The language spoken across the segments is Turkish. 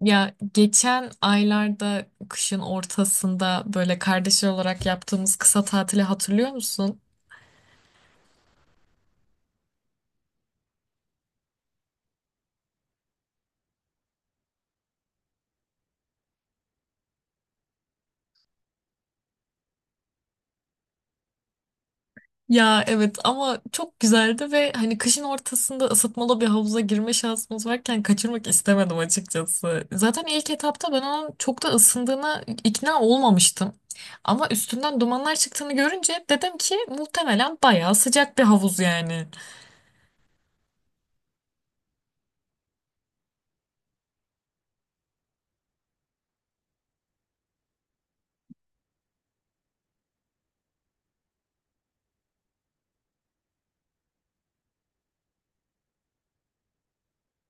Ya geçen aylarda kışın ortasında böyle kardeşler olarak yaptığımız kısa tatili hatırlıyor musun? Ya evet ama çok güzeldi ve hani kışın ortasında ısıtmalı bir havuza girme şansımız varken kaçırmak istemedim açıkçası. Zaten ilk etapta ben onun çok da ısındığına ikna olmamıştım. Ama üstünden dumanlar çıktığını görünce dedim ki muhtemelen bayağı sıcak bir havuz yani.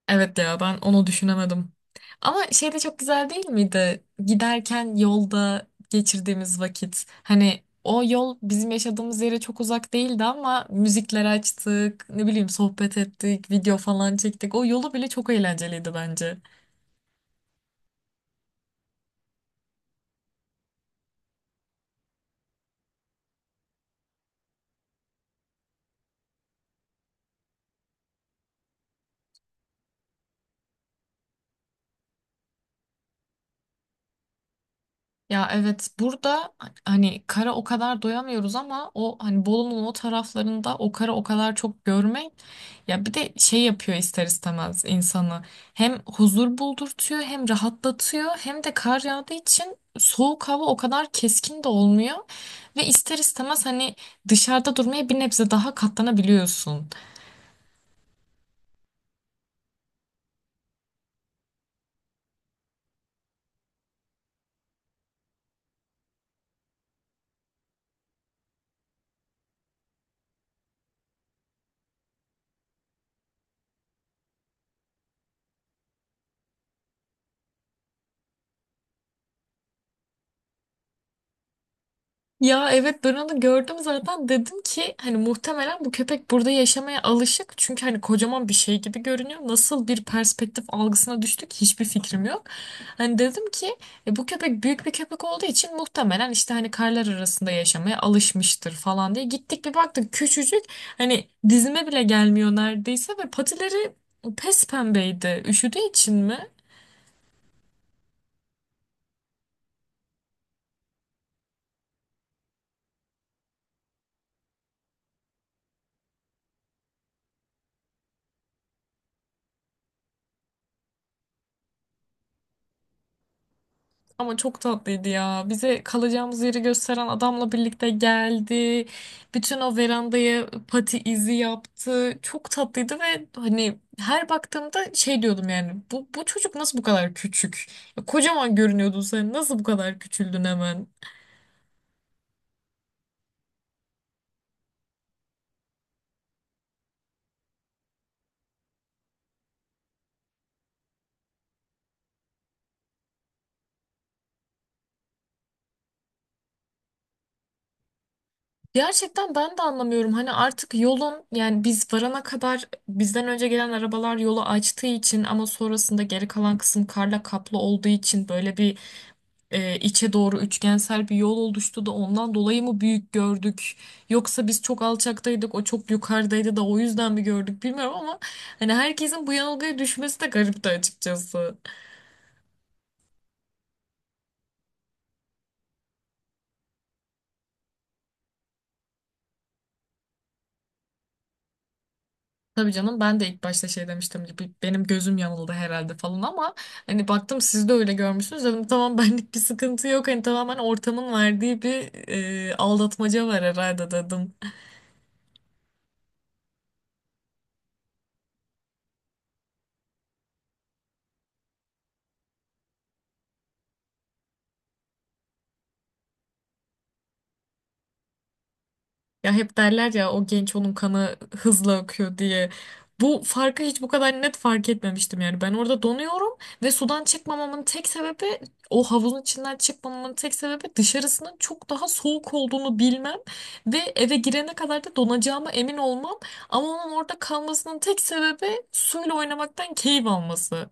Evet ya ben onu düşünemedim. Ama şey de çok güzel değil miydi? Giderken yolda geçirdiğimiz vakit. Hani o yol bizim yaşadığımız yere çok uzak değildi ama müzikler açtık, ne bileyim sohbet ettik, video falan çektik. O yolu bile çok eğlenceliydi bence. Ya evet burada hani kara o kadar doyamıyoruz ama o hani Bolu'nun o taraflarında o kara o kadar çok görmek, ya bir de şey yapıyor ister istemez insanı, hem huzur buldurtuyor hem rahatlatıyor hem de kar yağdığı için soğuk hava o kadar keskin de olmuyor ve ister istemez hani dışarıda durmaya bir nebze daha katlanabiliyorsun. Ya evet ben onu gördüm zaten dedim ki hani muhtemelen bu köpek burada yaşamaya alışık çünkü hani kocaman bir şey gibi görünüyor. Nasıl bir perspektif algısına düştük hiçbir fikrim yok. Hani dedim ki "E, bu köpek büyük bir köpek olduğu için muhtemelen işte hani karlar arasında yaşamaya alışmıştır falan" diye gittik bir baktık küçücük, hani dizime bile gelmiyor neredeyse ve patileri pes pembeydi. Üşüdüğü için mi? Ama çok tatlıydı ya. Bize kalacağımız yeri gösteren adamla birlikte geldi. Bütün o verandaya pati izi yaptı. Çok tatlıydı ve hani her baktığımda şey diyordum yani. Bu çocuk nasıl bu kadar küçük? Ya kocaman görünüyordun sen. Nasıl bu kadar küçüldün hemen? Gerçekten ben de anlamıyorum. Hani artık yolun yani biz varana kadar bizden önce gelen arabalar yolu açtığı için ama sonrasında geri kalan kısım karla kaplı olduğu için böyle bir, içe doğru üçgensel bir yol oluştu da ondan dolayı mı büyük gördük? Yoksa biz çok alçaktaydık, o çok yukarıdaydı da o yüzden mi gördük bilmiyorum ama hani herkesin bu yanılgıya düşmesi de garipti açıkçası. Tabii canım ben de ilk başta şey demiştim gibi benim gözüm yanıldı herhalde falan ama hani baktım siz de öyle görmüşsünüz dedim tamam benlik bir sıkıntı yok, hani tamamen ortamın verdiği bir aldatmaca var herhalde dedim. Ya hep derler ya o genç onun kanı hızla akıyor diye. Bu farkı hiç bu kadar net fark etmemiştim yani. Ben orada donuyorum ve sudan çıkmamamın tek sebebi, o havuzun içinden çıkmamamın tek sebebi dışarısının çok daha soğuk olduğunu bilmem ve eve girene kadar da donacağıma emin olmam. Ama onun orada kalmasının tek sebebi suyla oynamaktan keyif alması.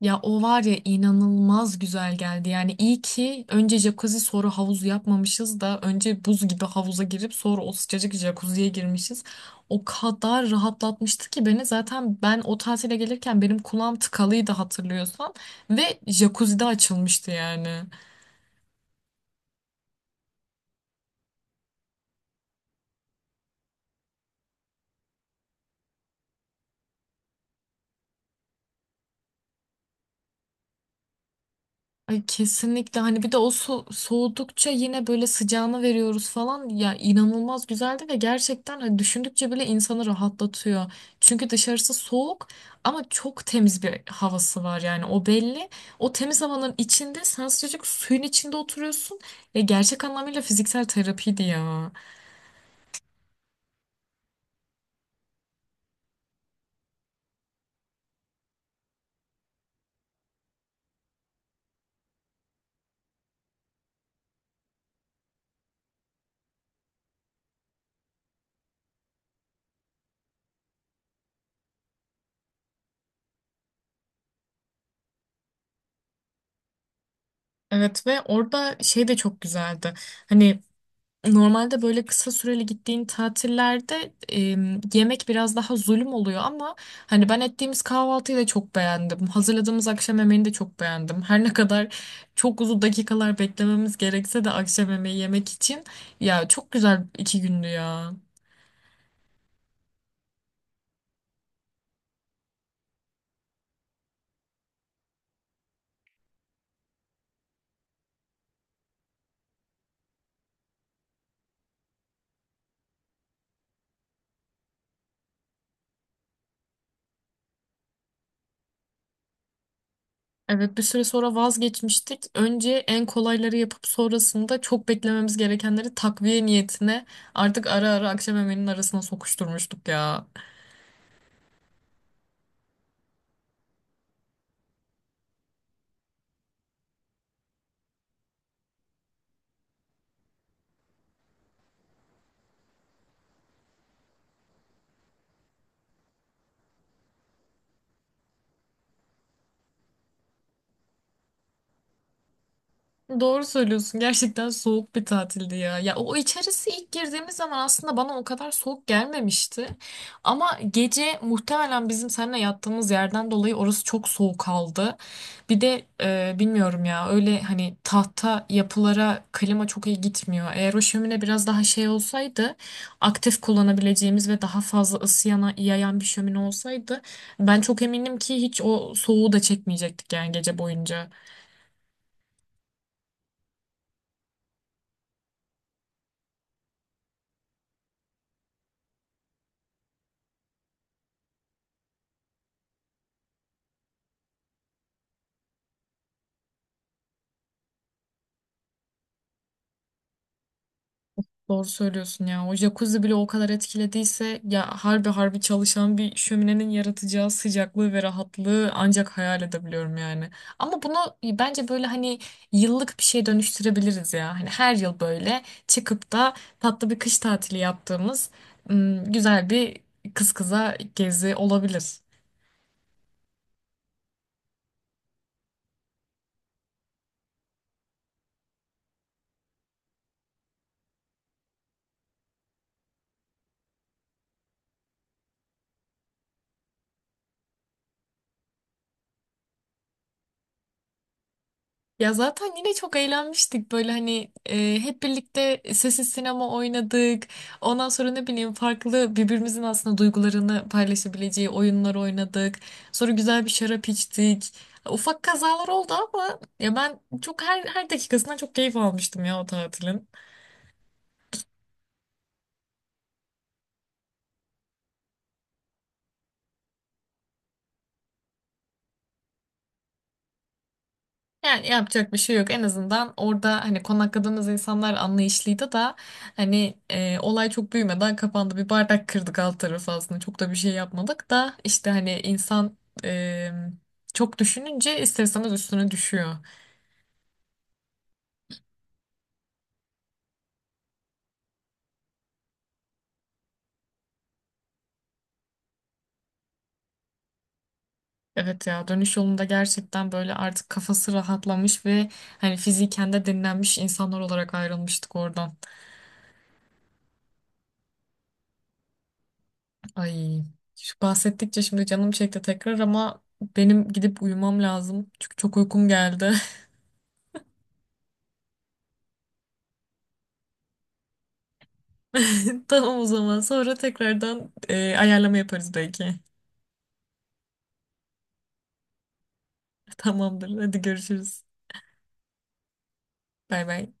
Ya o var ya inanılmaz güzel geldi. Yani iyi ki önce jacuzzi sonra havuz yapmamışız da önce buz gibi havuza girip sonra o sıcacık jacuzziye girmişiz. O kadar rahatlatmıştı ki beni, zaten ben o tatile gelirken benim kulağım tıkalıydı hatırlıyorsan, ve jacuzzi de açılmıştı yani. Ay kesinlikle, hani bir de o soğudukça yine böyle sıcağını veriyoruz falan, ya inanılmaz güzeldi ve gerçekten hani düşündükçe bile insanı rahatlatıyor. Çünkü dışarısı soğuk ama çok temiz bir havası var yani o belli. O temiz havanın içinde sen sıcacık suyun içinde oturuyorsun. Ya gerçek anlamıyla fiziksel terapiydi ya. Evet ve orada şey de çok güzeldi. Hani normalde böyle kısa süreli gittiğin tatillerde yemek biraz daha zulüm oluyor ama hani ben ettiğimiz kahvaltıyı da çok beğendim. Hazırladığımız akşam yemeğini de çok beğendim. Her ne kadar çok uzun dakikalar beklememiz gerekse de akşam yemeği yemek için, ya çok güzel iki gündü ya. Evet bir süre sonra vazgeçmiştik. Önce en kolayları yapıp sonrasında çok beklememiz gerekenleri takviye niyetine artık ara ara akşam yemeğinin arasına sokuşturmuştuk ya. Doğru söylüyorsun. Gerçekten soğuk bir tatildi ya. Ya o içerisi ilk girdiğimiz zaman aslında bana o kadar soğuk gelmemişti. Ama gece muhtemelen bizim seninle yattığımız yerden dolayı orası çok soğuk kaldı. Bir de bilmiyorum ya, öyle hani tahta yapılara klima çok iyi gitmiyor. Eğer o şömine biraz daha şey olsaydı, aktif kullanabileceğimiz ve daha fazla ısı yayan bir şömine olsaydı, ben çok eminim ki hiç o soğuğu da çekmeyecektik yani gece boyunca. Doğru söylüyorsun ya. O jacuzzi bile o kadar etkilediyse, ya harbi harbi çalışan bir şöminenin yaratacağı sıcaklığı ve rahatlığı ancak hayal edebiliyorum yani. Ama bunu bence böyle hani yıllık bir şey dönüştürebiliriz ya. Hani her yıl böyle çıkıp da tatlı bir kış tatili yaptığımız güzel bir kız kıza gezi olabilir. Ya zaten yine çok eğlenmiştik böyle, hani hep birlikte sessiz sinema oynadık. Ondan sonra ne bileyim farklı birbirimizin aslında duygularını paylaşabileceği oyunlar oynadık. Sonra güzel bir şarap içtik. Ufak kazalar oldu ama ya ben çok, her dakikasından çok keyif almıştım ya o tatilin. Yani yapacak bir şey yok. En azından orada hani konakladığımız insanlar anlayışlıydı da hani olay çok büyümeden kapandı. Bir bardak kırdık alt tarafı aslında. Çok da bir şey yapmadık da işte hani insan e, çok düşününce ister istemez üstüne düşüyor. Evet ya dönüş yolunda gerçekten böyle artık kafası rahatlamış ve hani fiziken de dinlenmiş insanlar olarak ayrılmıştık oradan. Ay şu bahsettikçe şimdi canım çekti tekrar ama benim gidip uyumam lazım. Çünkü çok uykum geldi. Tamam o zaman. Sonra tekrardan ayarlama yaparız belki. Tamamdır. Hadi görüşürüz. Bay bay.